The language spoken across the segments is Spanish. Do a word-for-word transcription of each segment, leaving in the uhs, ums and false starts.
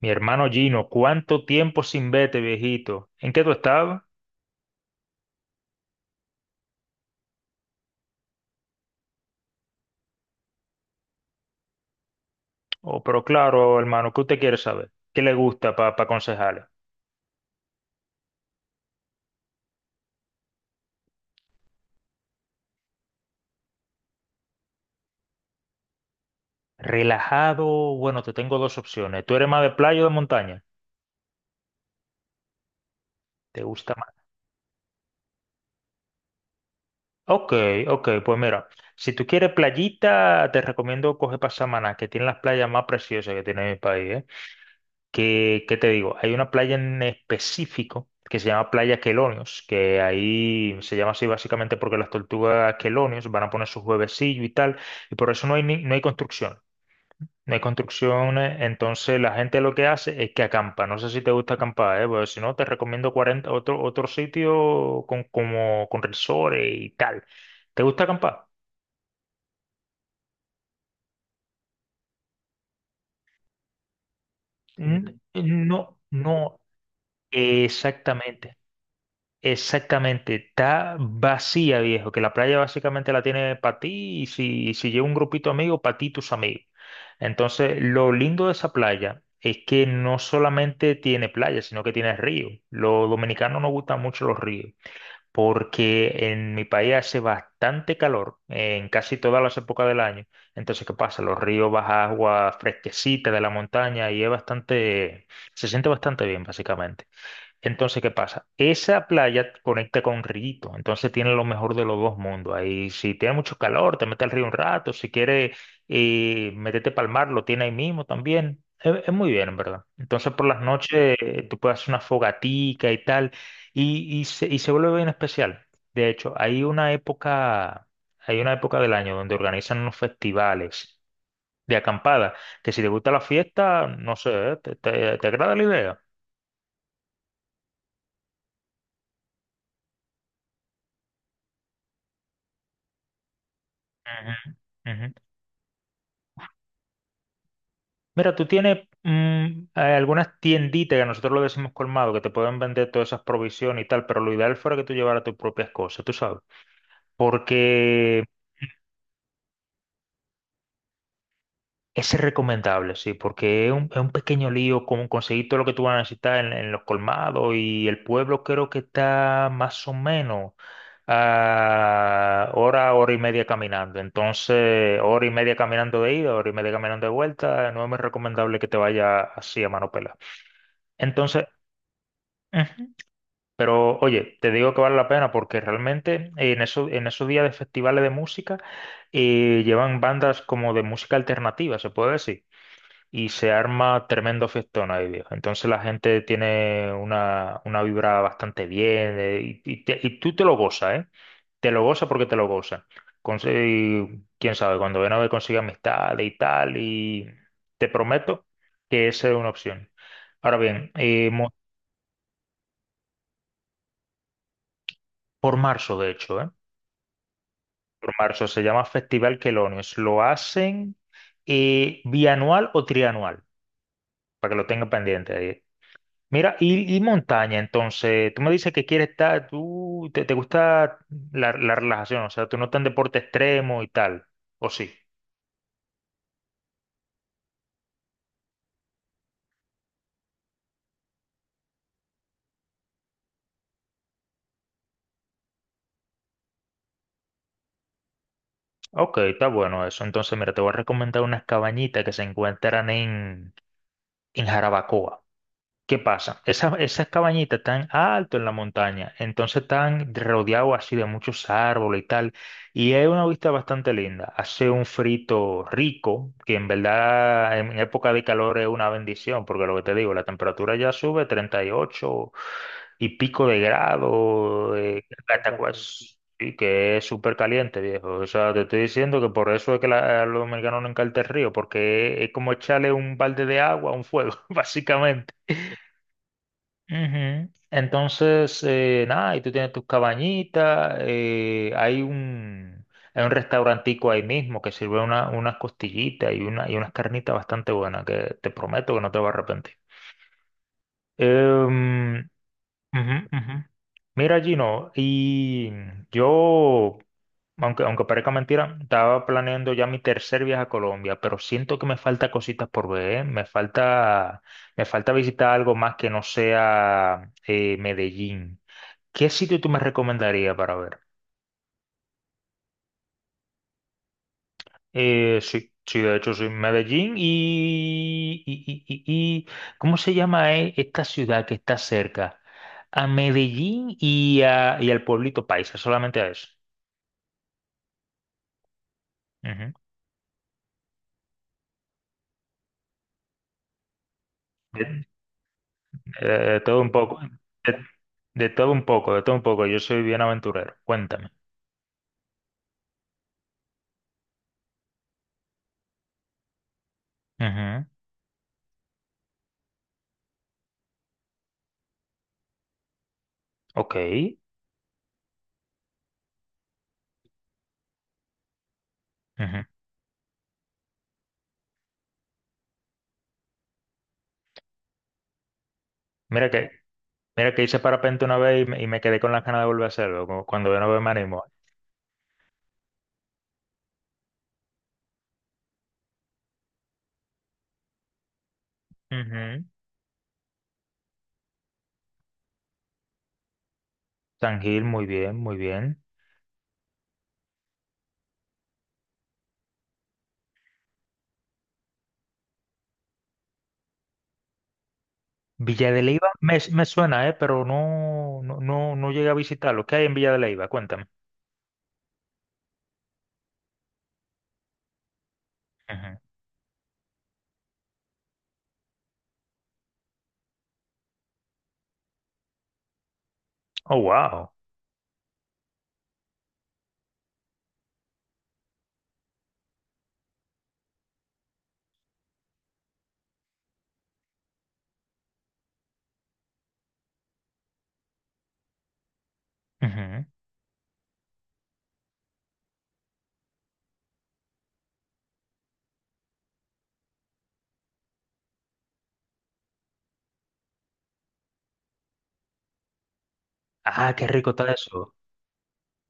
Mi hermano Gino, ¿cuánto tiempo sin verte, viejito? ¿En qué tú estabas? Oh, pero claro, hermano, ¿qué usted quiere saber? ¿Qué le gusta para aconsejarle? Relajado, bueno, te tengo dos opciones. ¿Tú eres más de playa o de montaña? ¿Te gusta más? Ok, ok, pues mira, si tú quieres playita, te recomiendo coger para Samaná, que tiene las playas más preciosas que tiene mi país, ¿eh? Que, ¿qué te digo? Hay una playa en específico que se llama Playa Quelonios, que ahí se llama así básicamente porque las tortugas Quelonios van a poner sus huevecillos y tal, y por eso no hay, ni- no hay construcción. No hay construcciones, entonces la gente lo que hace es que acampa. No sé si te gusta acampar, ¿eh? Porque si no, te recomiendo cuarenta otro, otro sitio con, como, con resorts y tal. ¿Te gusta acampar? Mm, N- No, no, exactamente. Exactamente, está vacía, viejo, que la playa básicamente la tiene para ti y si, y si lleva un grupito amigo, para ti y tus amigos. Entonces, lo lindo de esa playa es que no solamente tiene playa, sino que tiene río. Los dominicanos nos gustan mucho los ríos, porque en mi país hace bastante calor en casi todas las épocas del año. Entonces, ¿qué pasa? Los ríos baja agua fresquecita de la montaña y es bastante, se siente bastante bien, básicamente. Entonces, ¿qué pasa? Esa playa conecta con Rito, entonces tiene lo mejor de los dos mundos. Ahí, si tiene mucho calor, te mete al río un rato, si quieres eh, meterte para el mar, lo tiene ahí mismo también. Es, es muy bien, en verdad. Entonces, por las noches eh, tú puedes hacer una fogatica y tal, y, y se, y se vuelve bien especial. De hecho, hay una época, hay una época del año donde organizan unos festivales de acampada, que si te gusta la fiesta, no sé, ¿eh? ¿Te, te- te agrada la idea? Ujú, ujú. Mira, tú tienes mm, eh, algunas tienditas que nosotros lo decimos colmado, que te pueden vender todas esas provisiones y tal, pero lo ideal fuera que tú llevaras tus propias cosas, tú sabes. Porque es recomendable, sí, porque es un, es un pequeño lío como conseguir todo lo que tú vas a necesitar en, en los colmados y el pueblo creo que está más o menos a hora, hora y media caminando. Entonces, hora y media caminando de ida, hora y media caminando de vuelta, no es muy recomendable que te vaya así a mano pelada. Entonces... ujú. Pero oye, te digo que vale la pena porque realmente eh, en eso, en esos días de festivales de música eh, llevan bandas como de música alternativa, se puede decir, y se arma tremendo fiestón ahí, viejo. Entonces la gente tiene una, una vibra bastante bien eh, y, y te- y tú te lo gozas, ¿eh? Te lo gozas porque te lo gozas. Conse- y quién sabe, cuando ven a ver consigue amistades y tal, y te prometo que esa es una opción. Ahora bien, eh, mo- por marzo, de hecho, ¿eh? Por marzo, se llama Festival Quelonios. Lo hacen eh, bianual o trianual, para que lo tenga pendiente ahí. Mira, y, y montaña, entonces, tú me dices que quieres estar, tú, te, te gusta la, la relajación, o sea, tú no estás en deporte extremo y tal, ¿o sí? Ok, está bueno eso. Entonces, mira, te voy a recomendar unas cabañitas que se encuentran en, en Jarabacoa. ¿Qué pasa? Esa- esas cabañitas están alto en la montaña, entonces están rodeados así de muchos árboles y tal, y es una vista bastante linda. Hace un frito rico, que en verdad en época de calor es una bendición, porque lo que te digo, la temperatura ya sube treinta y ocho y ocho y pico de grado, eh, hasta pues, sí, que es súper caliente, viejo. O sea, te estoy diciendo que por eso es que la- a los dominicanos no encanta el río, porque es como echarle un balde de agua a un fuego, básicamente. Ujú. Entonces, eh, nada, y tú tienes tus cabañitas, eh, hay un, hay un restaurantico ahí mismo que sirve una, unas costillitas y, una, y unas carnitas bastante buenas que te prometo que no te vas a arrepentir. Em, Ujú, ujú. Mira, Gino, y yo, aunque, aunque parezca mentira, estaba planeando ya mi tercer viaje a Colombia, pero siento que me falta cositas por ver, ¿eh? Me falta, me falta visitar algo más que no sea eh, Medellín. ¿Qué sitio tú me recomendarías para ver? Eh, sí, sí, de hecho, sí, Medellín y, y, y, y- y- ¿cómo se llama, eh, esta ciudad que está cerca? A Medellín y, a, y al pueblito Paisa, solamente a eso. Ujú. De, eh, de todo un poco, de, de todo un poco, de todo un poco. Yo soy bien aventurero. Cuéntame. Ujú. Ok. Ujú. Mira que, mira que hice parapente una vez y me, y me quedé con las ganas de volver a hacerlo, como cuando yo no veo me animo. Ujú. San Gil, muy bien, muy bien. Villa de Leiva me, me suena, eh, pero no, no, no, no llegué a visitarlo. ¿Qué hay en Villa de Leiva? Cuéntame. Ujú. Oh, wow. Ujú. Ah, qué rico está eso.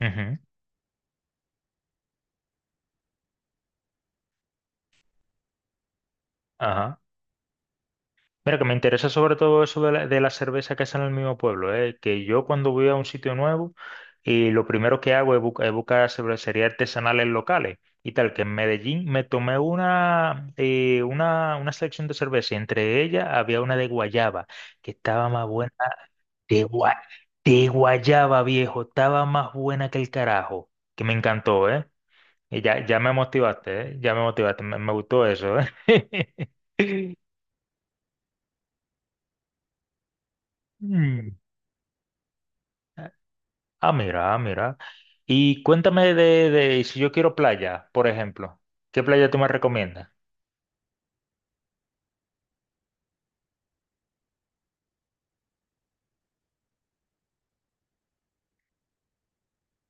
Ujú. Ajá. Mira, que me interesa sobre todo eso de la, de la cerveza que hacen en el mismo pueblo, ¿eh? Que yo cuando voy a un sitio nuevo y lo primero que hago es, bu- es buscar cervecerías artesanales locales y tal, que en Medellín me tomé una, eh, una, una selección de cerveza y entre ellas había una de guayaba, que estaba más buena, de, gua- de guayaba, viejo, estaba más buena que el carajo, que me encantó, ¿eh? Y ya, ya me motivaste, ¿eh? Ya me motivaste, me, me gustó eso, ¿eh? Mm. Ah, mira, ah, mira. Y cuéntame de, de si yo quiero playa, por ejemplo. ¿Qué playa tú me recomiendas?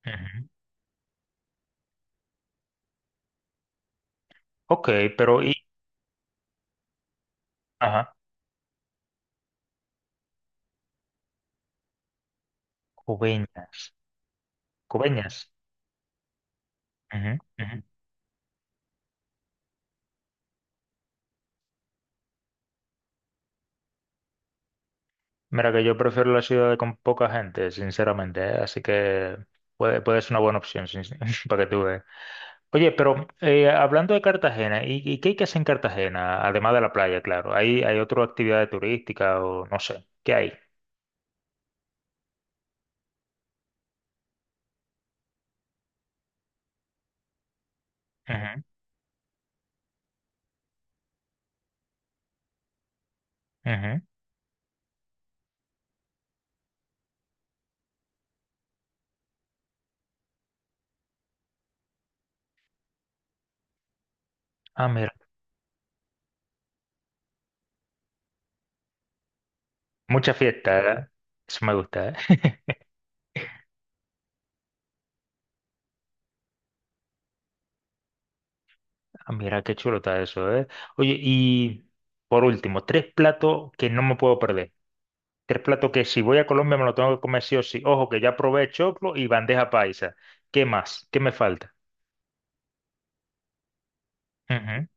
Ujú. Ok, pero y, ajá, Coveñas. Coveñas. Ujú, ujú. Mira que yo prefiero la ciudad con poca gente, sinceramente, ¿eh? Así que puede, puede ser una buena opción, sin- para que tú veas. Oye, pero eh, hablando de Cartagena, ¿y, y qué hay que hacer en Cartagena? Además de la playa, claro. ¿Hay, hay otra actividad turística o no sé? ¿Qué hay? Ujú, ujú. Ah, mira, mucha fiesta, ¿eh? Eso me gusta, ¿eh? Ah, mira qué chulo está eso, ¿eh? Oye, y por último, tres platos que no me puedo perder. Tres platos que si voy a Colombia me lo tengo que comer sí o sí. Ojo, que ya probé choclo y bandeja paisa. ¿Qué más? ¿Qué me falta? Ujú,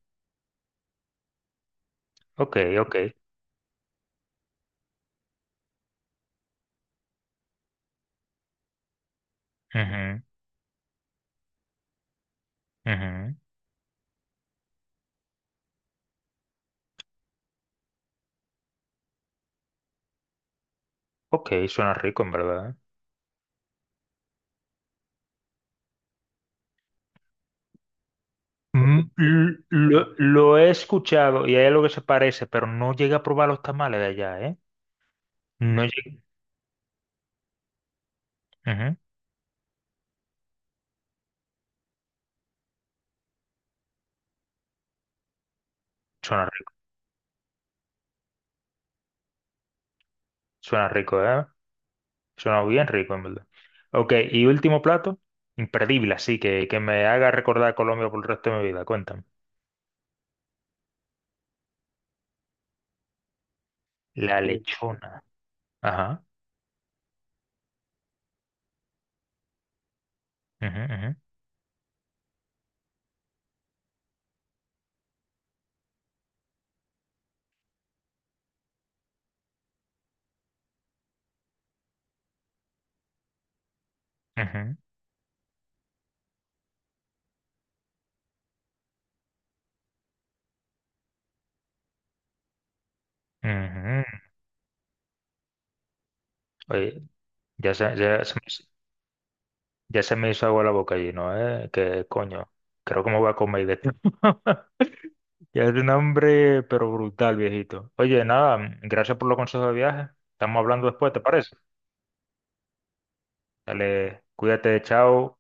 ok, ok. Ujú, ujú. Ok, suena rico, en verdad, ¿eh? Mm, l- Lo, lo he escuchado y hay algo que se parece, pero no llegué a probar los tamales de allá, ¿eh? No llegué. Ujú. Suena rico, suena rico, ¿eh? Suena bien rico, en verdad. Ok, y último plato, imperdible, así que, que me haga recordar a Colombia por el resto de mi vida. Cuéntame. La Mm. lechona. Ajá. Ujú, ujú, ujú, ujú. Oye, ya se, ya se me, hizo- ya se me hizo agua la boca allí, ¿no? ¿Eh? Que coño, creo que me voy a comer de esto. Ya es un hambre, pero brutal, viejito. Oye, nada, gracias por los consejos de viaje. Estamos hablando después, ¿te parece? Dale, cuídate, chao.